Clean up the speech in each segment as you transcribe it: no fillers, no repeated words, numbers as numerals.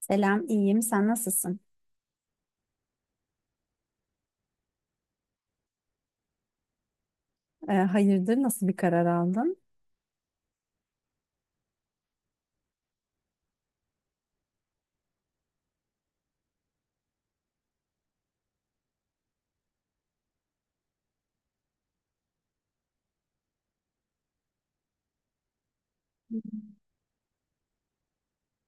Selam, iyiyim. Sen nasılsın? Hayırdır, nasıl bir karar aldın?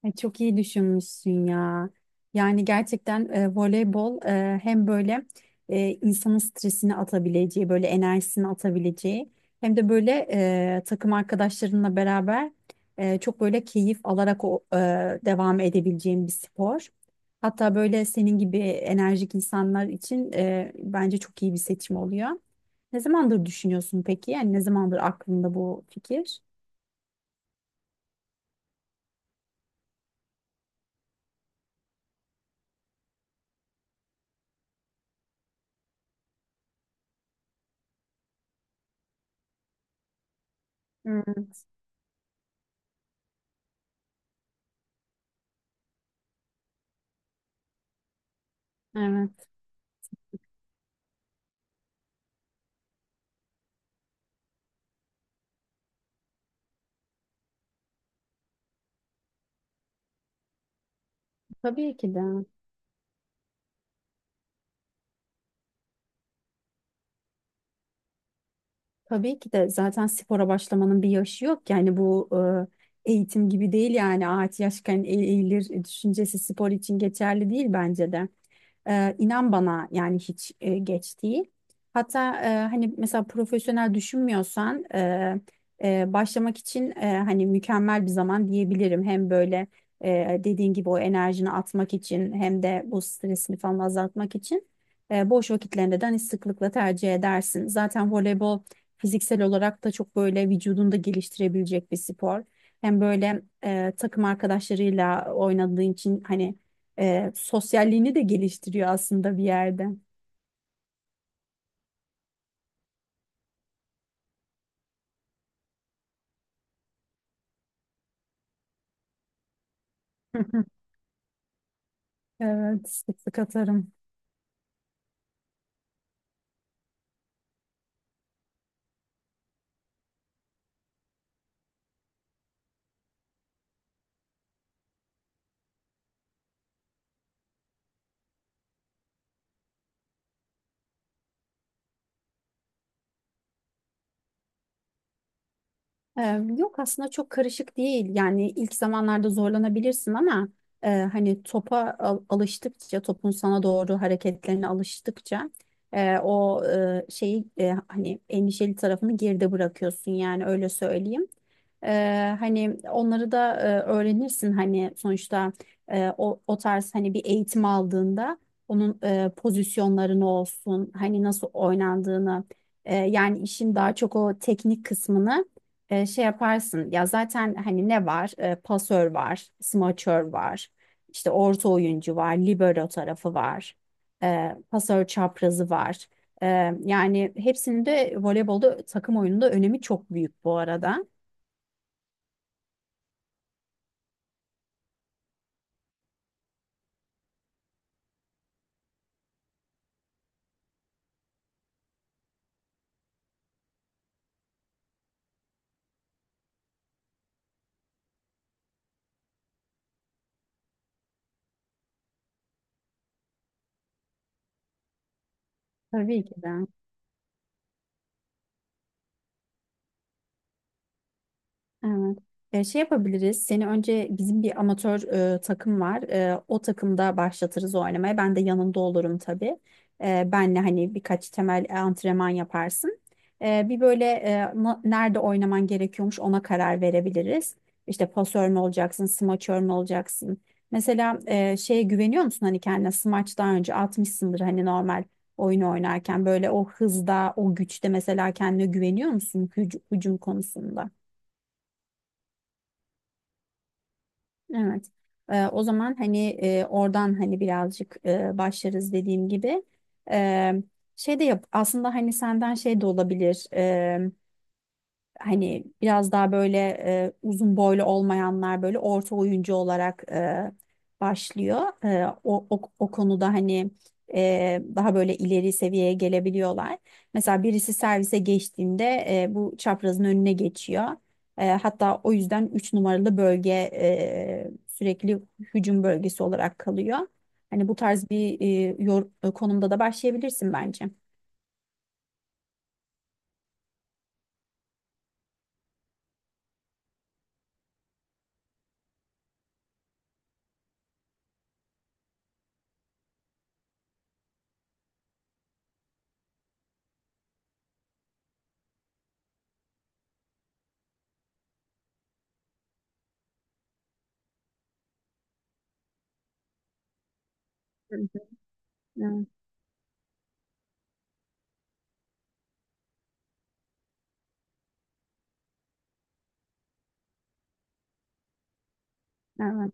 Ay, çok iyi düşünmüşsün ya. Yani gerçekten voleybol hem böyle insanın stresini atabileceği, böyle enerjisini atabileceği hem de böyle takım arkadaşlarınla beraber çok böyle keyif alarak devam edebileceğin bir spor. Hatta böyle senin gibi enerjik insanlar için bence çok iyi bir seçim oluyor. Ne zamandır düşünüyorsun peki? Yani ne zamandır aklında bu fikir? Hmm, evet. Tabii ki de. Tabii ki de zaten spora başlamanın bir yaşı yok. Yani bu eğitim gibi değil, yani ağaç yaşken eğilir düşüncesi spor için geçerli değil bence de. İnan bana, yani hiç geç değil. Hatta hani mesela profesyonel düşünmüyorsan başlamak için hani mükemmel bir zaman diyebilirim. Hem böyle dediğin gibi o enerjini atmak için, hem de bu stresini falan azaltmak için boş vakitlerinde de hani sıklıkla tercih edersin. Zaten voleybol fiziksel olarak da çok böyle vücudunu da geliştirebilecek bir spor. Hem böyle takım arkadaşlarıyla oynadığın için hani sosyalliğini de geliştiriyor aslında bir yerde. Evet, sık sık atarım. Yok, aslında çok karışık değil. Yani ilk zamanlarda zorlanabilirsin ama hani topa alıştıkça, topun sana doğru hareketlerine alıştıkça şeyi, hani endişeli tarafını geride bırakıyorsun, yani öyle söyleyeyim. Hani onları da öğrenirsin hani sonuçta o tarz hani bir eğitim aldığında onun pozisyonlarını olsun, hani nasıl oynandığını, yani işin daha çok o teknik kısmını şey yaparsın ya zaten. Hani ne var, pasör var, smaçör var, işte orta oyuncu var, libero tarafı var, pasör çaprazı var. E, Yani hepsinin de voleybolda, takım oyununda önemi çok büyük bu arada. Tabii ki de. Evet. Şey yapabiliriz. Seni önce bizim bir amatör takım var. O takımda başlatırız oynamaya. Ben de yanında olurum tabii. Benle hani birkaç temel antrenman yaparsın. Bir böyle nerede oynaman gerekiyormuş ona karar verebiliriz. İşte pasör mü olacaksın, smaçör mü olacaksın? Mesela şeye güveniyor musun, hani kendine smaç daha önce atmışsındır hani normal oyun oynarken, böyle o hızda, o güçte, mesela kendine güveniyor musun hücum konusunda? Evet. O zaman hani oradan hani birazcık başlarız dediğim gibi. Ee, Şey de yap aslında, hani senden şey de olabilir, hani biraz daha böyle uzun boylu olmayanlar böyle orta oyuncu olarak başlıyor. O konuda hani daha böyle ileri seviyeye gelebiliyorlar. Mesela birisi servise geçtiğinde bu çaprazın önüne geçiyor. Hatta o yüzden 3 numaralı bölge sürekli hücum bölgesi olarak kalıyor. Hani bu tarz bir konumda da başlayabilirsin bence. Hı hı. Evet, evet.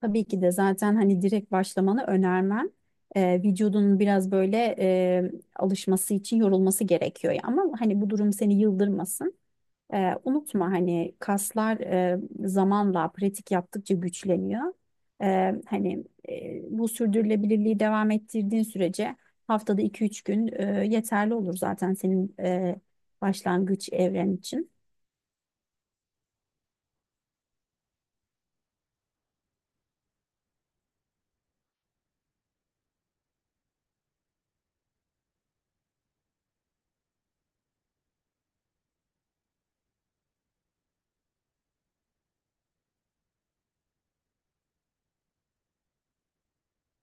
Tabii ki de, zaten hani direkt başlamanı önermem. Vücudunun biraz böyle alışması için yorulması gerekiyor ya. Ama hani bu durum seni yıldırmasın. Unutma, hani kaslar zamanla pratik yaptıkça güçleniyor. Hani bu sürdürülebilirliği devam ettirdiğin sürece haftada iki üç gün yeterli olur zaten senin başlangıç evren için.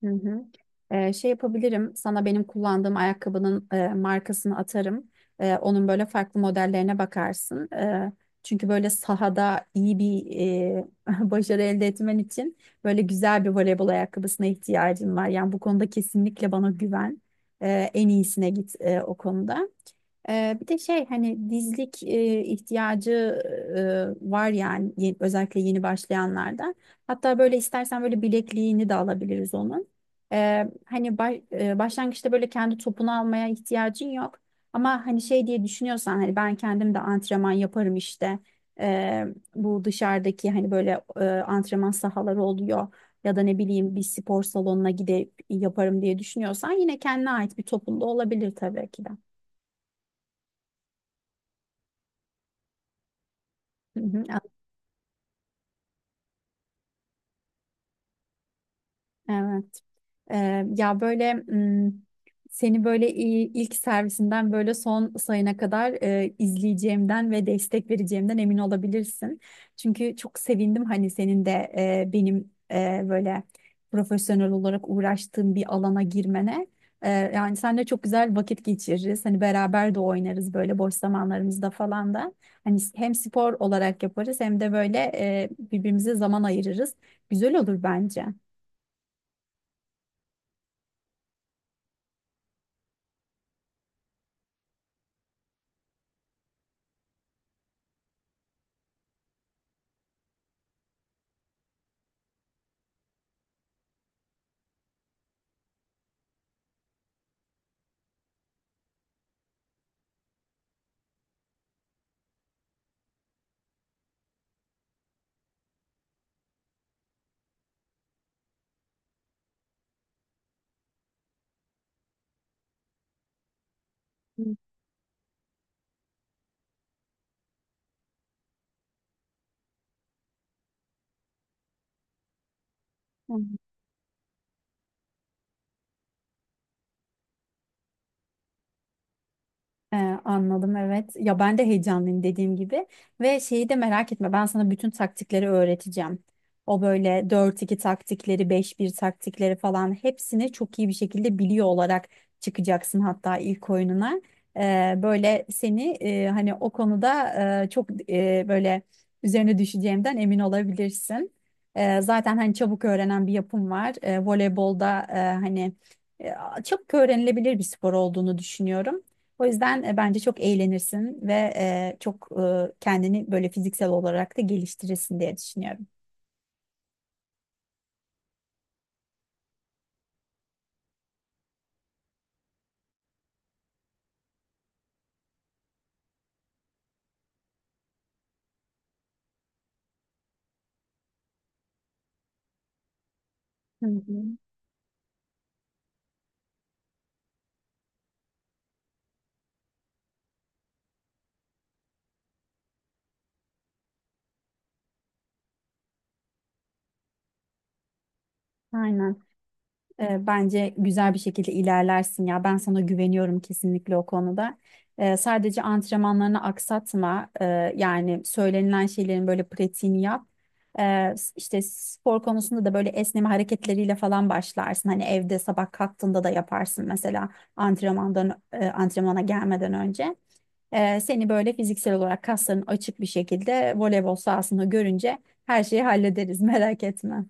Hı hı. Şey yapabilirim. Sana benim kullandığım ayakkabının markasını atarım. Onun böyle farklı modellerine bakarsın. Çünkü böyle sahada iyi bir başarı elde etmen için böyle güzel bir voleybol ayakkabısına ihtiyacın var. Yani bu konuda kesinlikle bana güven. En iyisine git o konuda. Bir de şey, hani dizlik ihtiyacı var yani, özellikle yeni başlayanlarda. Hatta böyle istersen böyle bilekliğini de alabiliriz onun. Hani başlangıçta böyle kendi topunu almaya ihtiyacın yok. Ama hani şey diye düşünüyorsan, hani ben kendim de antrenman yaparım işte. Ee, Bu dışarıdaki hani böyle antrenman sahaları oluyor. Ya da ne bileyim, bir spor salonuna gidip yaparım diye düşünüyorsan, yine kendine ait bir topun da olabilir tabii ki de. Hı hı, evet. Ee, ya böyle m, seni böyle ilk servisinden böyle son sayına kadar izleyeceğimden ve destek vereceğimden emin olabilirsin. Çünkü çok sevindim hani senin de benim böyle profesyonel olarak uğraştığım bir alana girmene. Yani seninle çok güzel vakit geçiririz. Hani beraber de oynarız böyle boş zamanlarımızda falan da. Hani hem spor olarak yaparız, hem de böyle birbirimize zaman ayırırız. Güzel olur bence. Hı. Hı. Ee, Anladım, evet. Ya ben de heyecanlıyım dediğim gibi. Ve şeyi de merak etme, ben sana bütün taktikleri öğreteceğim. O böyle dört iki taktikleri, beş bir taktikleri falan hepsini çok iyi bir şekilde biliyor olarak çıkacaksın hatta ilk oyununa. Böyle seni hani o konuda çok böyle üzerine düşeceğimden emin olabilirsin. Zaten hani çabuk öğrenen bir yapım var. Voleybolda hani e, çabuk öğrenilebilir bir spor olduğunu düşünüyorum. O yüzden bence çok eğlenirsin ve çok kendini böyle fiziksel olarak da geliştirirsin diye düşünüyorum. Hı hı. Aynen. Bence güzel bir şekilde ilerlersin ya. Ben sana güveniyorum kesinlikle o konuda. Sadece antrenmanlarını aksatma. Yani söylenilen şeylerin böyle pratiğini yap. İşte spor konusunda da böyle esneme hareketleriyle falan başlarsın. Hani evde sabah kalktığında da yaparsın mesela antrenmandan antrenmana gelmeden önce. Seni böyle fiziksel olarak, kasların açık bir şekilde voleybol sahasında görünce her şeyi hallederiz merak etme.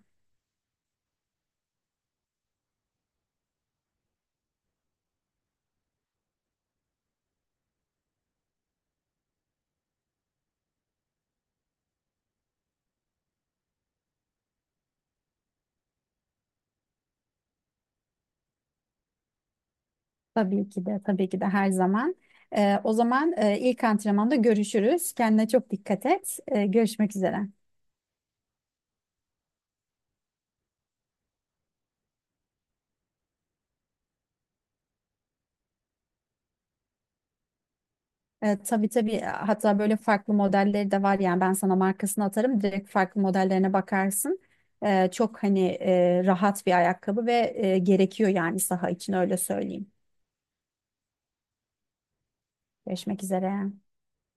Tabii ki de, tabii ki de, her zaman. O zaman ilk antrenmanda görüşürüz. Kendine çok dikkat et. Görüşmek üzere. Tabii, tabii, hatta böyle farklı modelleri de var, yani ben sana markasını atarım, direkt farklı modellerine bakarsın. Çok hani rahat bir ayakkabı gerekiyor yani saha için, öyle söyleyeyim. Görüşmek üzere.